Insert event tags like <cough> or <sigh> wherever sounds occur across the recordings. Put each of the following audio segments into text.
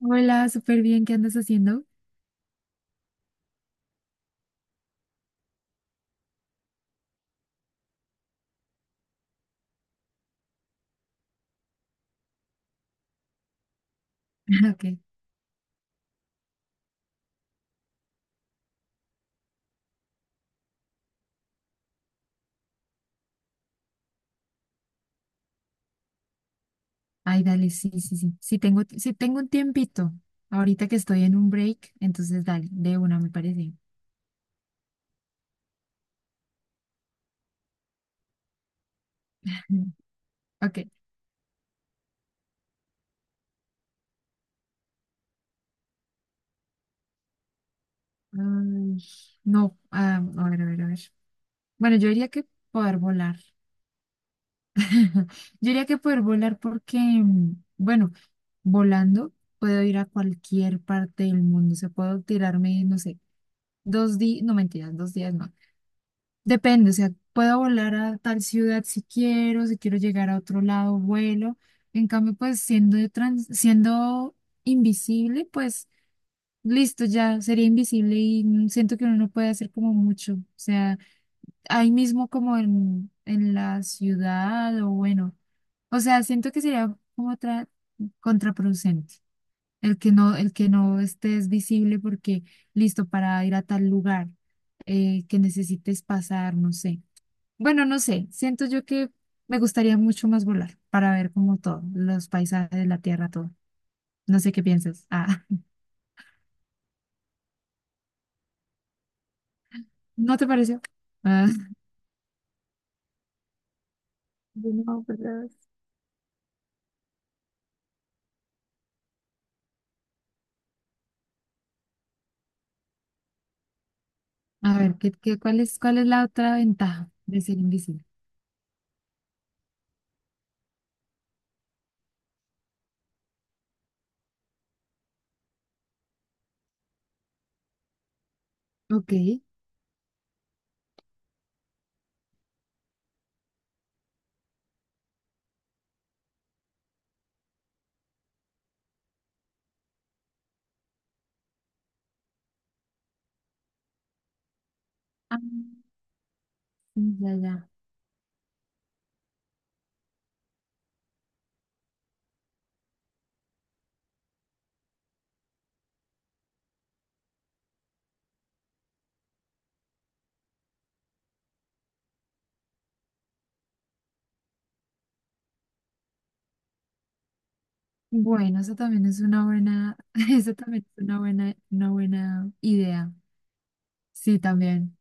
Hola, súper bien, ¿qué andas haciendo? <laughs> Ok. Ay, dale, sí, sí, sí. Sí tengo un tiempito. Ahorita que estoy en un break, entonces dale, de una me parece. <laughs> Ok. Ay, no, ah, a ver, a ver, a ver. Bueno, yo diría que poder volar. <laughs> Yo diría que poder volar porque, bueno, volando puedo ir a cualquier parte del mundo. O sea, puedo tirarme, no sé, 2 días, no mentiras, 2 días no. Depende, o sea, puedo volar a tal ciudad si quiero, si quiero llegar a otro lado, vuelo. En cambio, pues siendo invisible, pues listo, ya sería invisible y siento que uno no puede hacer como mucho. O sea, ahí mismo como en la ciudad o bueno. O sea, siento que sería como otra contraproducente. El que no estés visible porque listo para ir a tal lugar que necesites pasar, no sé. Bueno, no sé, siento yo que me gustaría mucho más volar para ver como todo, los paisajes, la tierra, todo. No sé qué piensas. Ah, <laughs> ¿no te pareció? Ah, no, pues, ¿sabes? A ver, ¿cuál es, cuál es la otra ventaja de ser invisible? Ok. Ah, sí, ya, ya. Bueno, eso también es una buena, <laughs> eso también es una buena idea. Sí, también.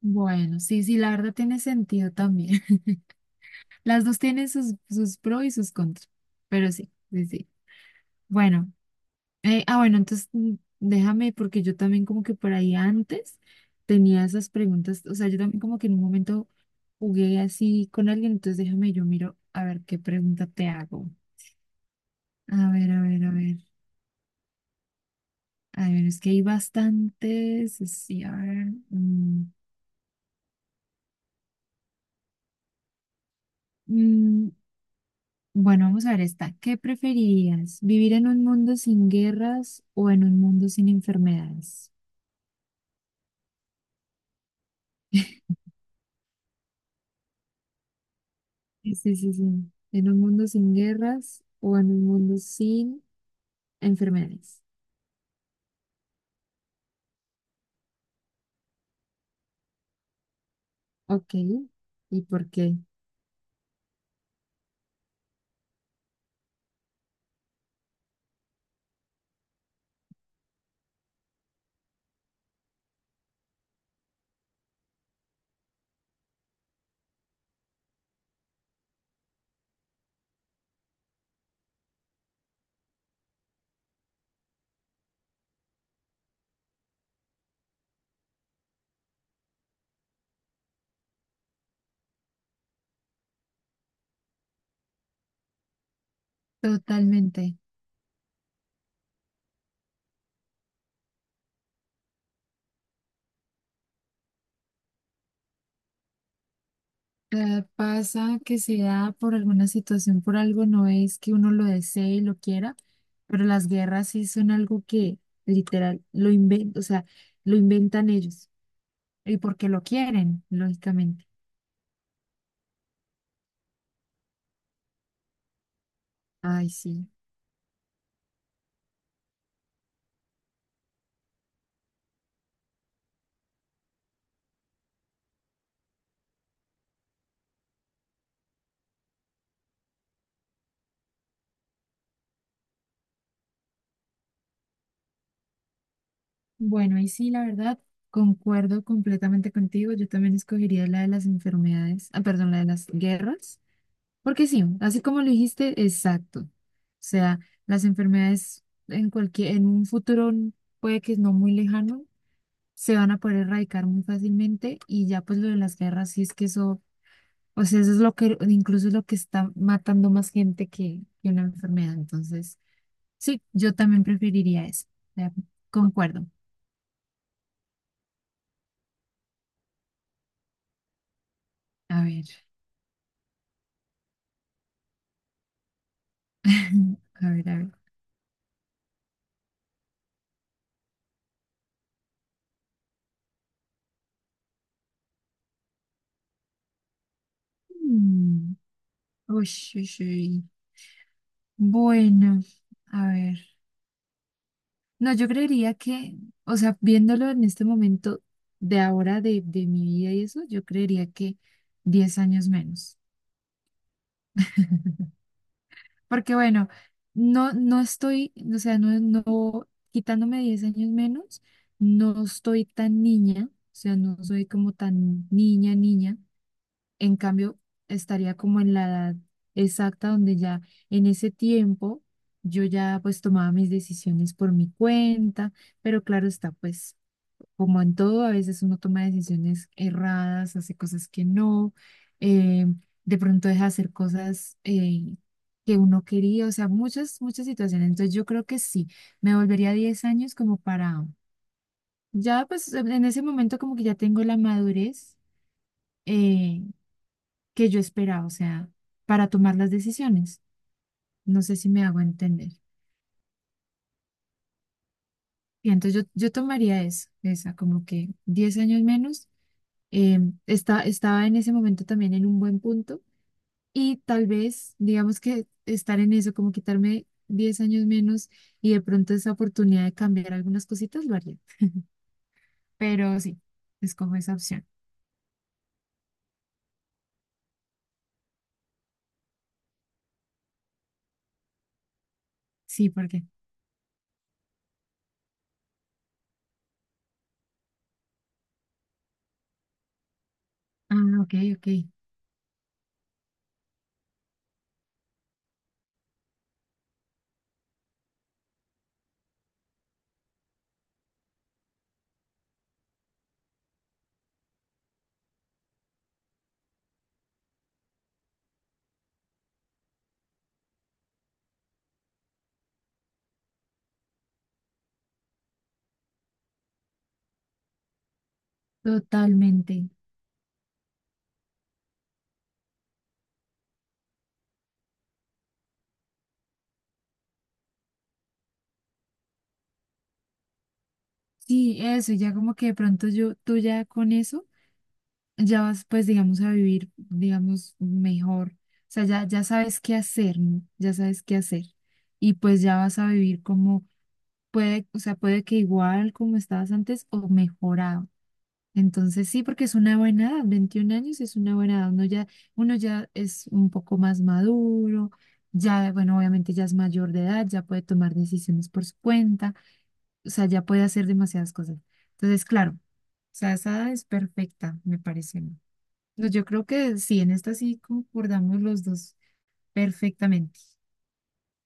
Bueno, sí, sí, la verdad tiene sentido también. <laughs> Las dos tienen sus pros y sus contras, pero sí, sí, sí. Bueno, bueno, entonces déjame, porque yo también como que por ahí antes tenía esas preguntas, o sea, yo también como que en un momento jugué así con alguien, entonces déjame, yo miro a ver qué pregunta te hago. A ver, a ver, a ver. A ver, es que hay bastantes, sí, a ver. Mm, bueno, vamos a ver esta. ¿Qué preferirías? ¿Vivir en un mundo sin guerras o en un mundo sin enfermedades? Sí, sí, sí, sí. ¿En un mundo sin guerras o en un mundo sin enfermedades? Ok. ¿Y por qué? Totalmente. Pasa que se da por alguna situación, por algo, no es que uno lo desee y lo quiera, pero las guerras sí son algo que literal lo inventan, o sea, lo inventan ellos y porque lo quieren, lógicamente. Ay, sí. Bueno, y sí, la verdad, concuerdo completamente contigo. Yo también escogería la de las enfermedades, ah, perdón, la de las guerras. Porque sí, así como lo dijiste, exacto. O sea, las enfermedades en cualquier, en un futuro puede que no muy lejano, se van a poder erradicar muy fácilmente y ya pues lo de las guerras, sí es que eso, o sea, eso es lo que, incluso es lo que está matando más gente que una enfermedad. Entonces, sí, yo también preferiría eso. O sea, concuerdo. A ver, <laughs> a ver, a ver. Mm, ush, ush, uy. Bueno, a ver. No, yo creería que, o sea, viéndolo en este momento de ahora de mi vida y eso, yo creería que 10 años menos. <laughs> Porque bueno, no estoy, o sea, no, no, quitándome 10 años menos, no estoy tan niña, o sea, no soy como tan niña, niña. En cambio, estaría como en la edad exacta donde ya en ese tiempo yo ya pues tomaba mis decisiones por mi cuenta, pero claro está, pues como en todo, a veces uno toma decisiones erradas, hace cosas que no, eh, de pronto deja de hacer cosas que uno quería, o sea, muchas, muchas situaciones. Entonces yo creo que sí, me volvería a 10 años como para, ya pues en ese momento como que ya tengo la madurez eh, que yo esperaba, o sea, para tomar las decisiones. No sé si me hago entender. Y entonces yo tomaría eso, esa, como que 10 años menos. Eh, Estaba en ese momento también en un buen punto. Y tal vez, digamos que estar en eso, como quitarme 10 años menos y de pronto esa oportunidad de cambiar algunas cositas, lo haría. Pero sí, es como esa opción. Sí, porque. Ah, ok, ok. Totalmente. Sí, eso, ya como que de pronto tú ya con eso, ya vas, pues, digamos, a vivir, digamos, mejor. O sea, ya sabes qué hacer, ¿no? Ya sabes qué hacer. Y pues ya vas a vivir como puede, o sea, puede que igual como estabas antes o mejorado. Entonces sí, porque es una buena edad, 21 años es una buena edad, uno ya es un poco más maduro, ya, bueno, obviamente ya es mayor de edad, ya puede tomar decisiones por su cuenta, o sea, ya puede hacer demasiadas cosas. Entonces, claro, o sea, esa edad es perfecta, me parece a mí. No, yo creo que sí, en esta sí concordamos los dos perfectamente.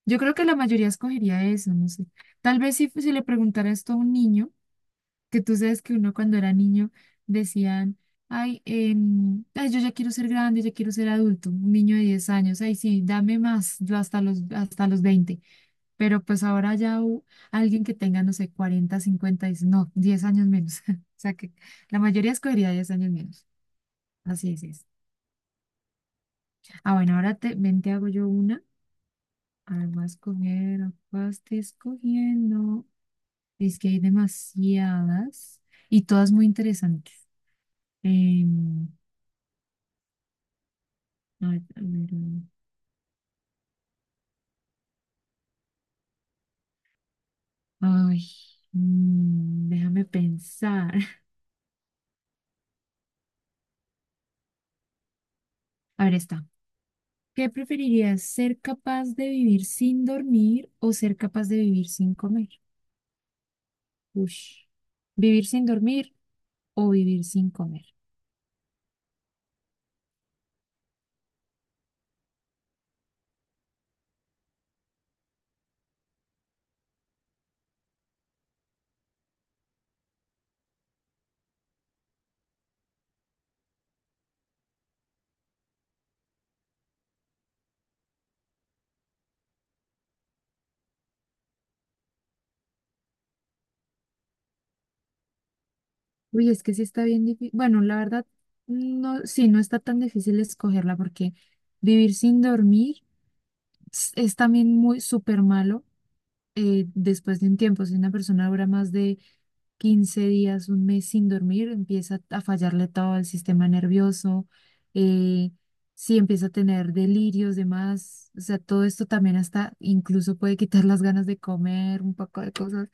Yo creo que la mayoría escogería eso, no sé. Tal vez si le preguntara esto a un niño que tú sabes que uno cuando era niño decían, ay, ay, yo ya quiero ser grande, ya quiero ser adulto, un niño de 10 años, ay, sí, dame más, yo hasta los 20, pero pues ahora ya alguien que tenga, no sé, 40, 50 dice, no, 10 años menos, <laughs> o sea que la mayoría escogería 10 años menos, así es, es. Ah, bueno, ahora te, ven, te hago yo una, además coger, acá estoy escogiendo, es que hay demasiadas y todas muy interesantes. Em, Ay, a ver, ay, déjame pensar. <laughs> A ver, está. ¿Qué preferirías, ser capaz de vivir sin dormir o ser capaz de vivir sin comer? Ush. ¿Vivir sin dormir o vivir sin comer? Uy, es que sí está bien difícil. Bueno, la verdad, no, sí, no está tan difícil escogerla porque vivir sin dormir es también muy súper malo. Después de un tiempo, si una persona dura más de 15 días, un mes sin dormir, empieza a fallarle todo el sistema nervioso, eh, sí empieza a tener delirios, demás, o sea, todo esto también hasta incluso puede quitar las ganas de comer, un poco de cosas,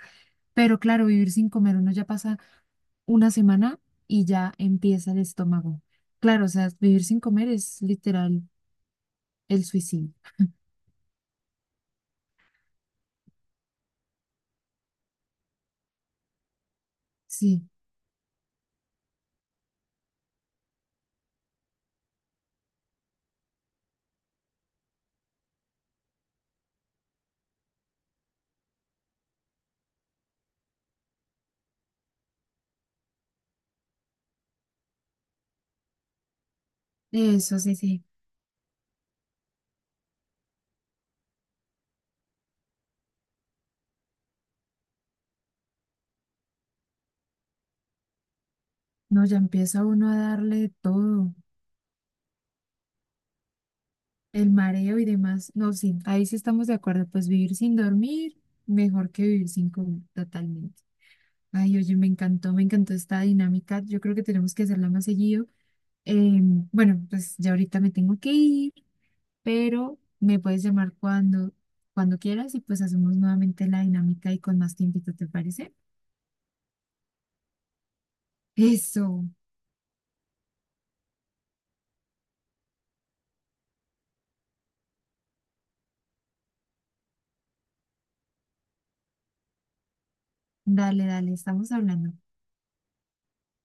pero claro, vivir sin comer, uno ya pasa una semana y ya empieza el estómago. Claro, o sea, vivir sin comer es literal el suicidio. Sí, eso sí, sí. No, ya empieza uno a darle todo, el mareo y demás. No, sí, ahí sí estamos de acuerdo. Pues vivir sin dormir, mejor que vivir sin comer, totalmente. Ay, oye, me encantó esta dinámica. Yo creo que tenemos que hacerla más seguido. Eh, bueno, pues ya ahorita me tengo que ir, pero me puedes llamar cuando quieras y pues hacemos nuevamente la dinámica y con más tiempito, ¿te parece? Eso, dale, dale, estamos hablando.